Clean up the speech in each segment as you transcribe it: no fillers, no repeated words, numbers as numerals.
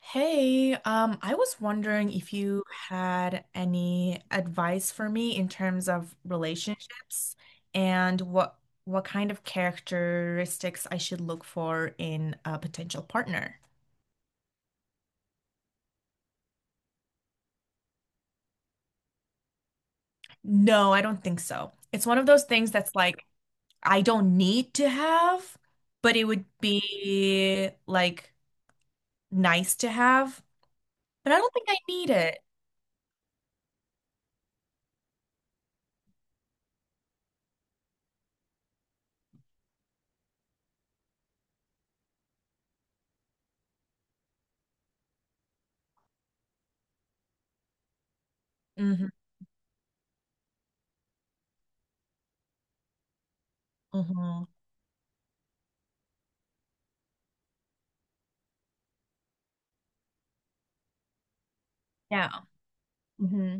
Hey, I was wondering if you had any advice for me in terms of relationships and what kind of characteristics I should look for in a potential partner. No, I don't think so. It's one of those things that's like I don't need to have, but it would be like nice to have, but I don't think I need it. Hmm. Hmm. Yeah. Hmm.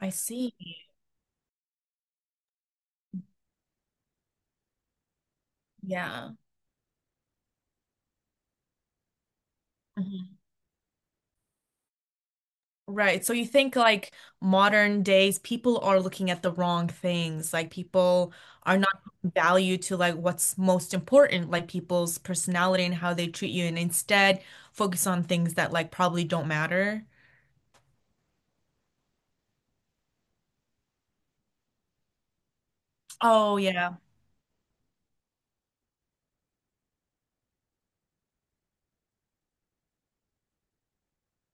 I see. Yeah. Hmm. Right. So you think like modern days, people are looking at the wrong things. Like people are not giving value to like what's most important, like people's personality and how they treat you, and instead focus on things that like probably don't matter. Oh yeah.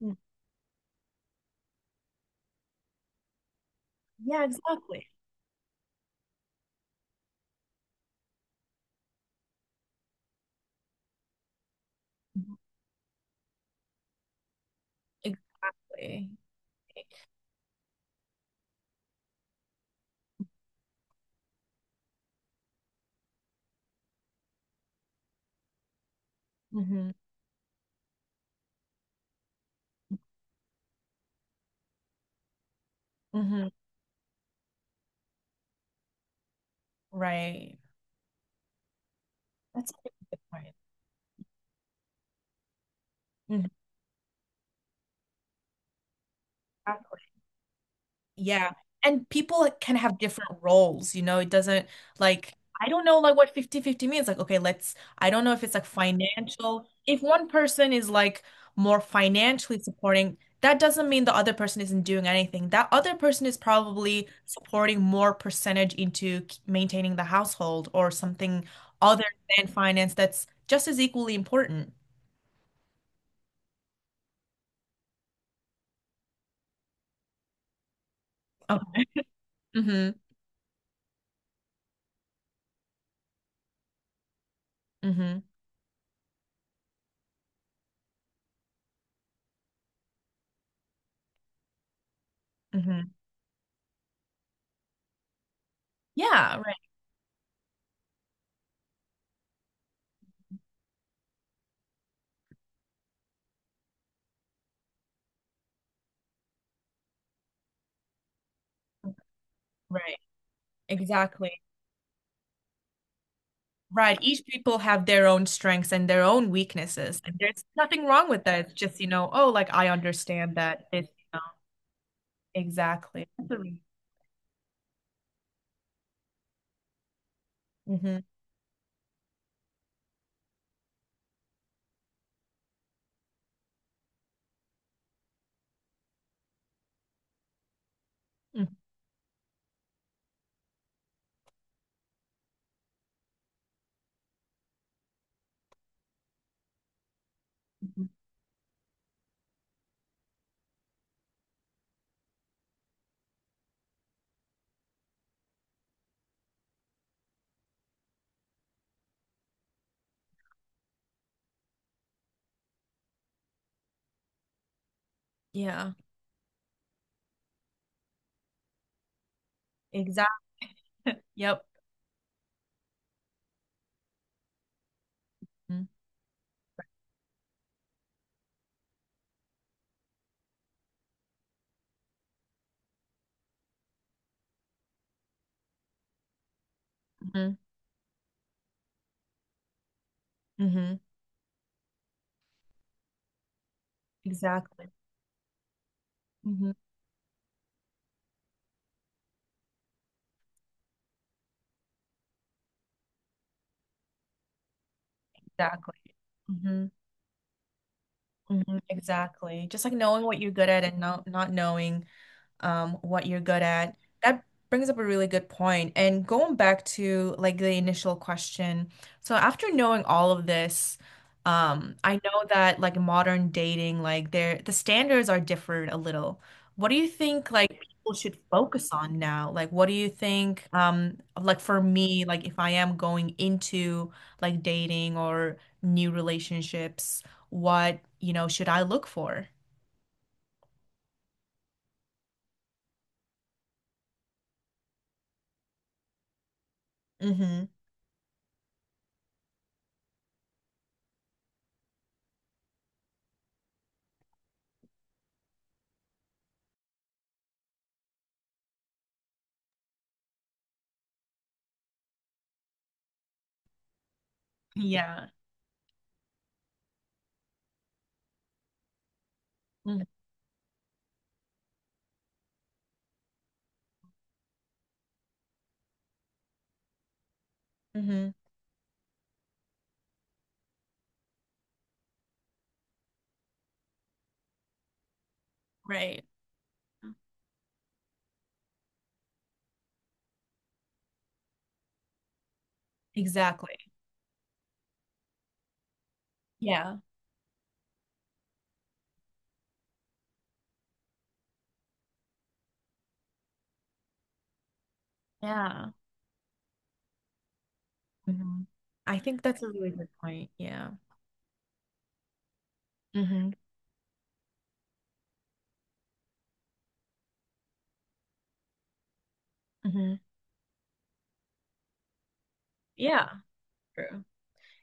Mm. Yeah, exactly. Mhm. Exactly. Mm-hmm. Mm-hmm. Right. That's a good point. Mhm. Exactly. Yeah. And people can have different roles, you know, it doesn't. Like, I don't know like what 50-50 means. Like, okay, let's I don't know if it's like financial. If one person is like more financially supporting, that doesn't mean the other person isn't doing anything. That other person is probably supporting more percentage into maintaining the household or something other than finance that's just as equally important. Oh. Mm-hmm. Mm-hmm. Mm-hmm. Yeah, right. Right. Exactly. Right. Each people have their own strengths and their own weaknesses. And there's nothing wrong with that. It's just, you know, oh, like I understand that this, you know, exactly. Totally. Mhm. Mhm. Yeah. Exactly. Yep. Mm-hmm. Hmm. Exactly. Hmm. Exactly. Hmm. Hmm. Exactly. Just like knowing what you're good at and not knowing what you're good at. That brings up a really good point. And going back to like the initial question, so after knowing all of this, I know that like modern dating, like the standards are different a little. What do you think like people should focus on now? Like what do you think like for me, like if I am going into like dating or new relationships, what, you know, should I look for? Mm-hmm. Yeah. Mm-hmm. Right. Exactly. Yeah. Yeah. Hmm. I think that's a really good point. Yeah. Hmm. Hmm. Yeah. True.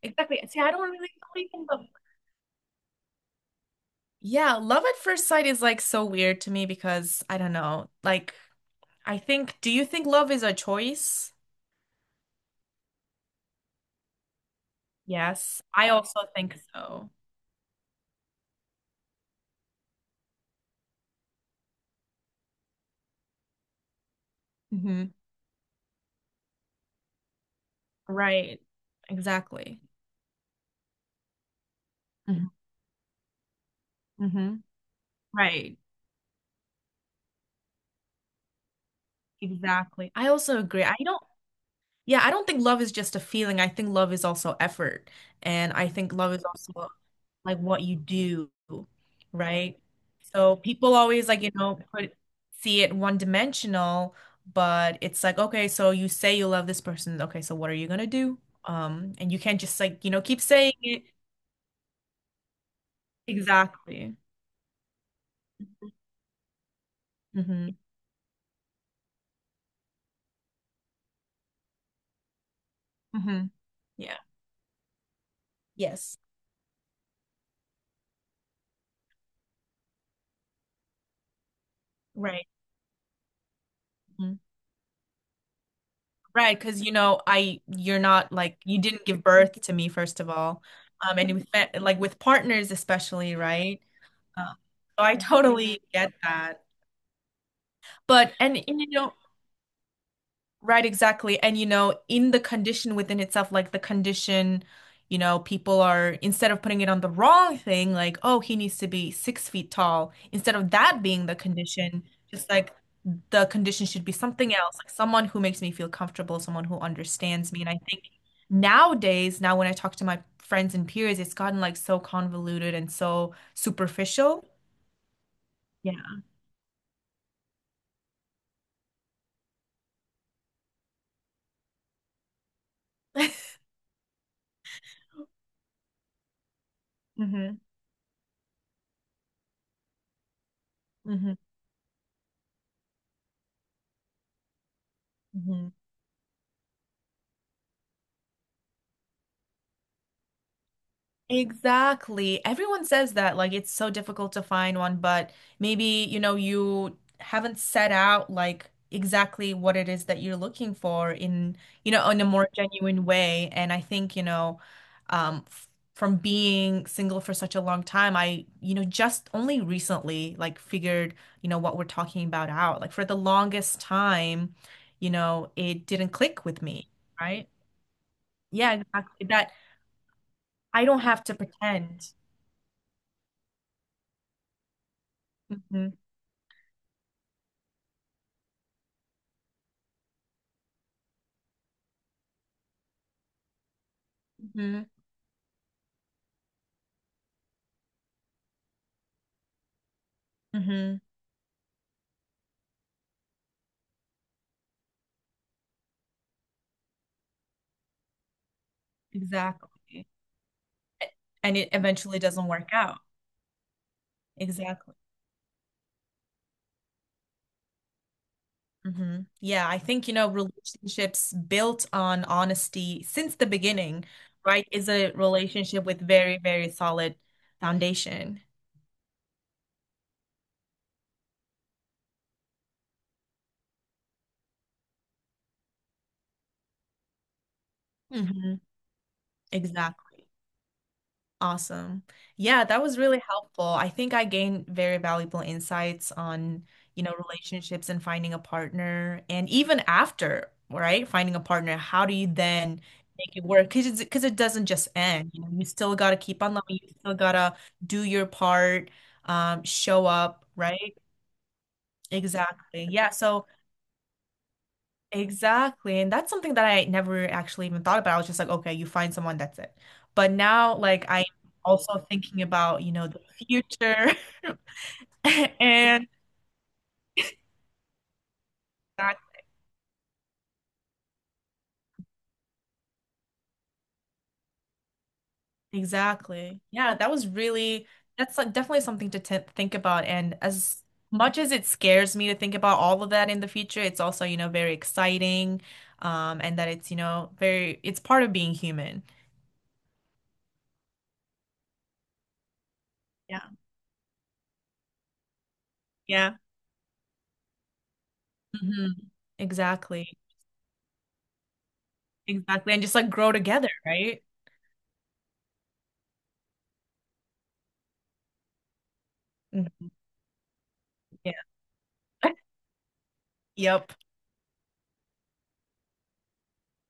Exactly. See, I don't really believe in the— Yeah, love at first sight is like so weird to me because I don't know. Like, I think, do you think love is a choice? Yes, I also think so. Hmm. Right. Exactly. Hmm. Hmm. Right. Exactly. I also agree. I don't. Yeah, I don't think love is just a feeling. I think love is also effort. And I think love is also like what you do, right? So people always like, you know, put see it one dimensional, but it's like, okay, so you say you love this person. Okay, so what are you gonna do? And you can't just like, you know, keep saying it. Exactly. Mm-hmm. Mm-hmm. Yeah. Yes. Right. Right, because you know, I you're not like you didn't give birth to me first of all, and with like with partners especially, right? Um, so I totally get that. But and you know, right, exactly, and you know, in the condition within itself, like the condition, you know, people are instead of putting it on the wrong thing, like oh, he needs to be 6 feet tall, instead of that being the condition, just like the condition should be something else, like someone who makes me feel comfortable, someone who understands me. And I think nowadays, now when I talk to my friends and peers, it's gotten like so convoluted and so superficial. Yeah. Hmm. Hmm. Hmm. Exactly. Everyone says that, like, it's so difficult to find one, but maybe, you know, you haven't set out like exactly what it is that you're looking for in, you know, in a more genuine way. And I think, you know, f from being single for such a long time, I, just only recently like figured, you know, what we're talking about out. Like for the longest time, you know, it didn't click with me, right? Yeah, exactly. That I don't have to pretend. Mhm. Hmm. Hmm. Exactly. A- And it eventually doesn't work out. Exactly. Hmm. Yeah, I think, you know, relationships built on honesty since the beginning, right, is a relationship with very, very solid foundation. Hmm. Exactly. Awesome. Yeah, that was really helpful. I think I gained very valuable insights on, you know, relationships and finding a partner. And even after, right, finding a partner, how do you then make it work? Because because it doesn't just end. You know, you still got to keep on loving, you still got to do your part, show up, right? Exactly. Yeah. Exactly. And that's something that I never actually even thought about. I was just like, okay, you find someone, that's it. But now, like, I'm also thinking about, you know, the future. And that, exactly. Yeah, that's like, definitely something to t think about. And as much as it scares me to think about all of that in the future, it's also, you know, very exciting. And that it's, you know, it's part of being human. Yeah. Yeah. Hmm. Exactly. Exactly. And just like grow together, right? Mhm. Yeah. Yep.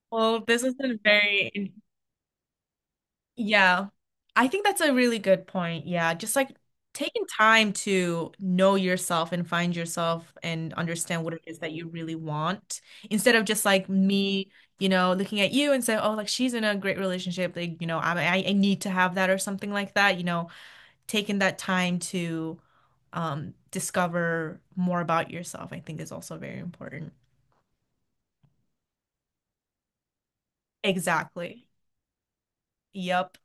Well, this has been very, yeah. I think that's a really good point. Yeah. Just like taking time to know yourself and find yourself and understand what it is that you really want instead of just like me, you know, looking at you and say, oh, like she's in a great relationship. Like, you know, I need to have that or something like that. You know, taking that time to discover more about yourself, I think is also very important. Exactly. Yep.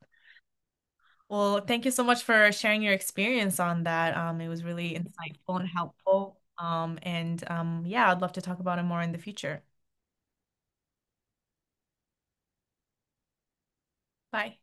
Well, thank you so much for sharing your experience on that. It was really insightful and helpful. And yeah, I'd love to talk about it more in the future. Bye.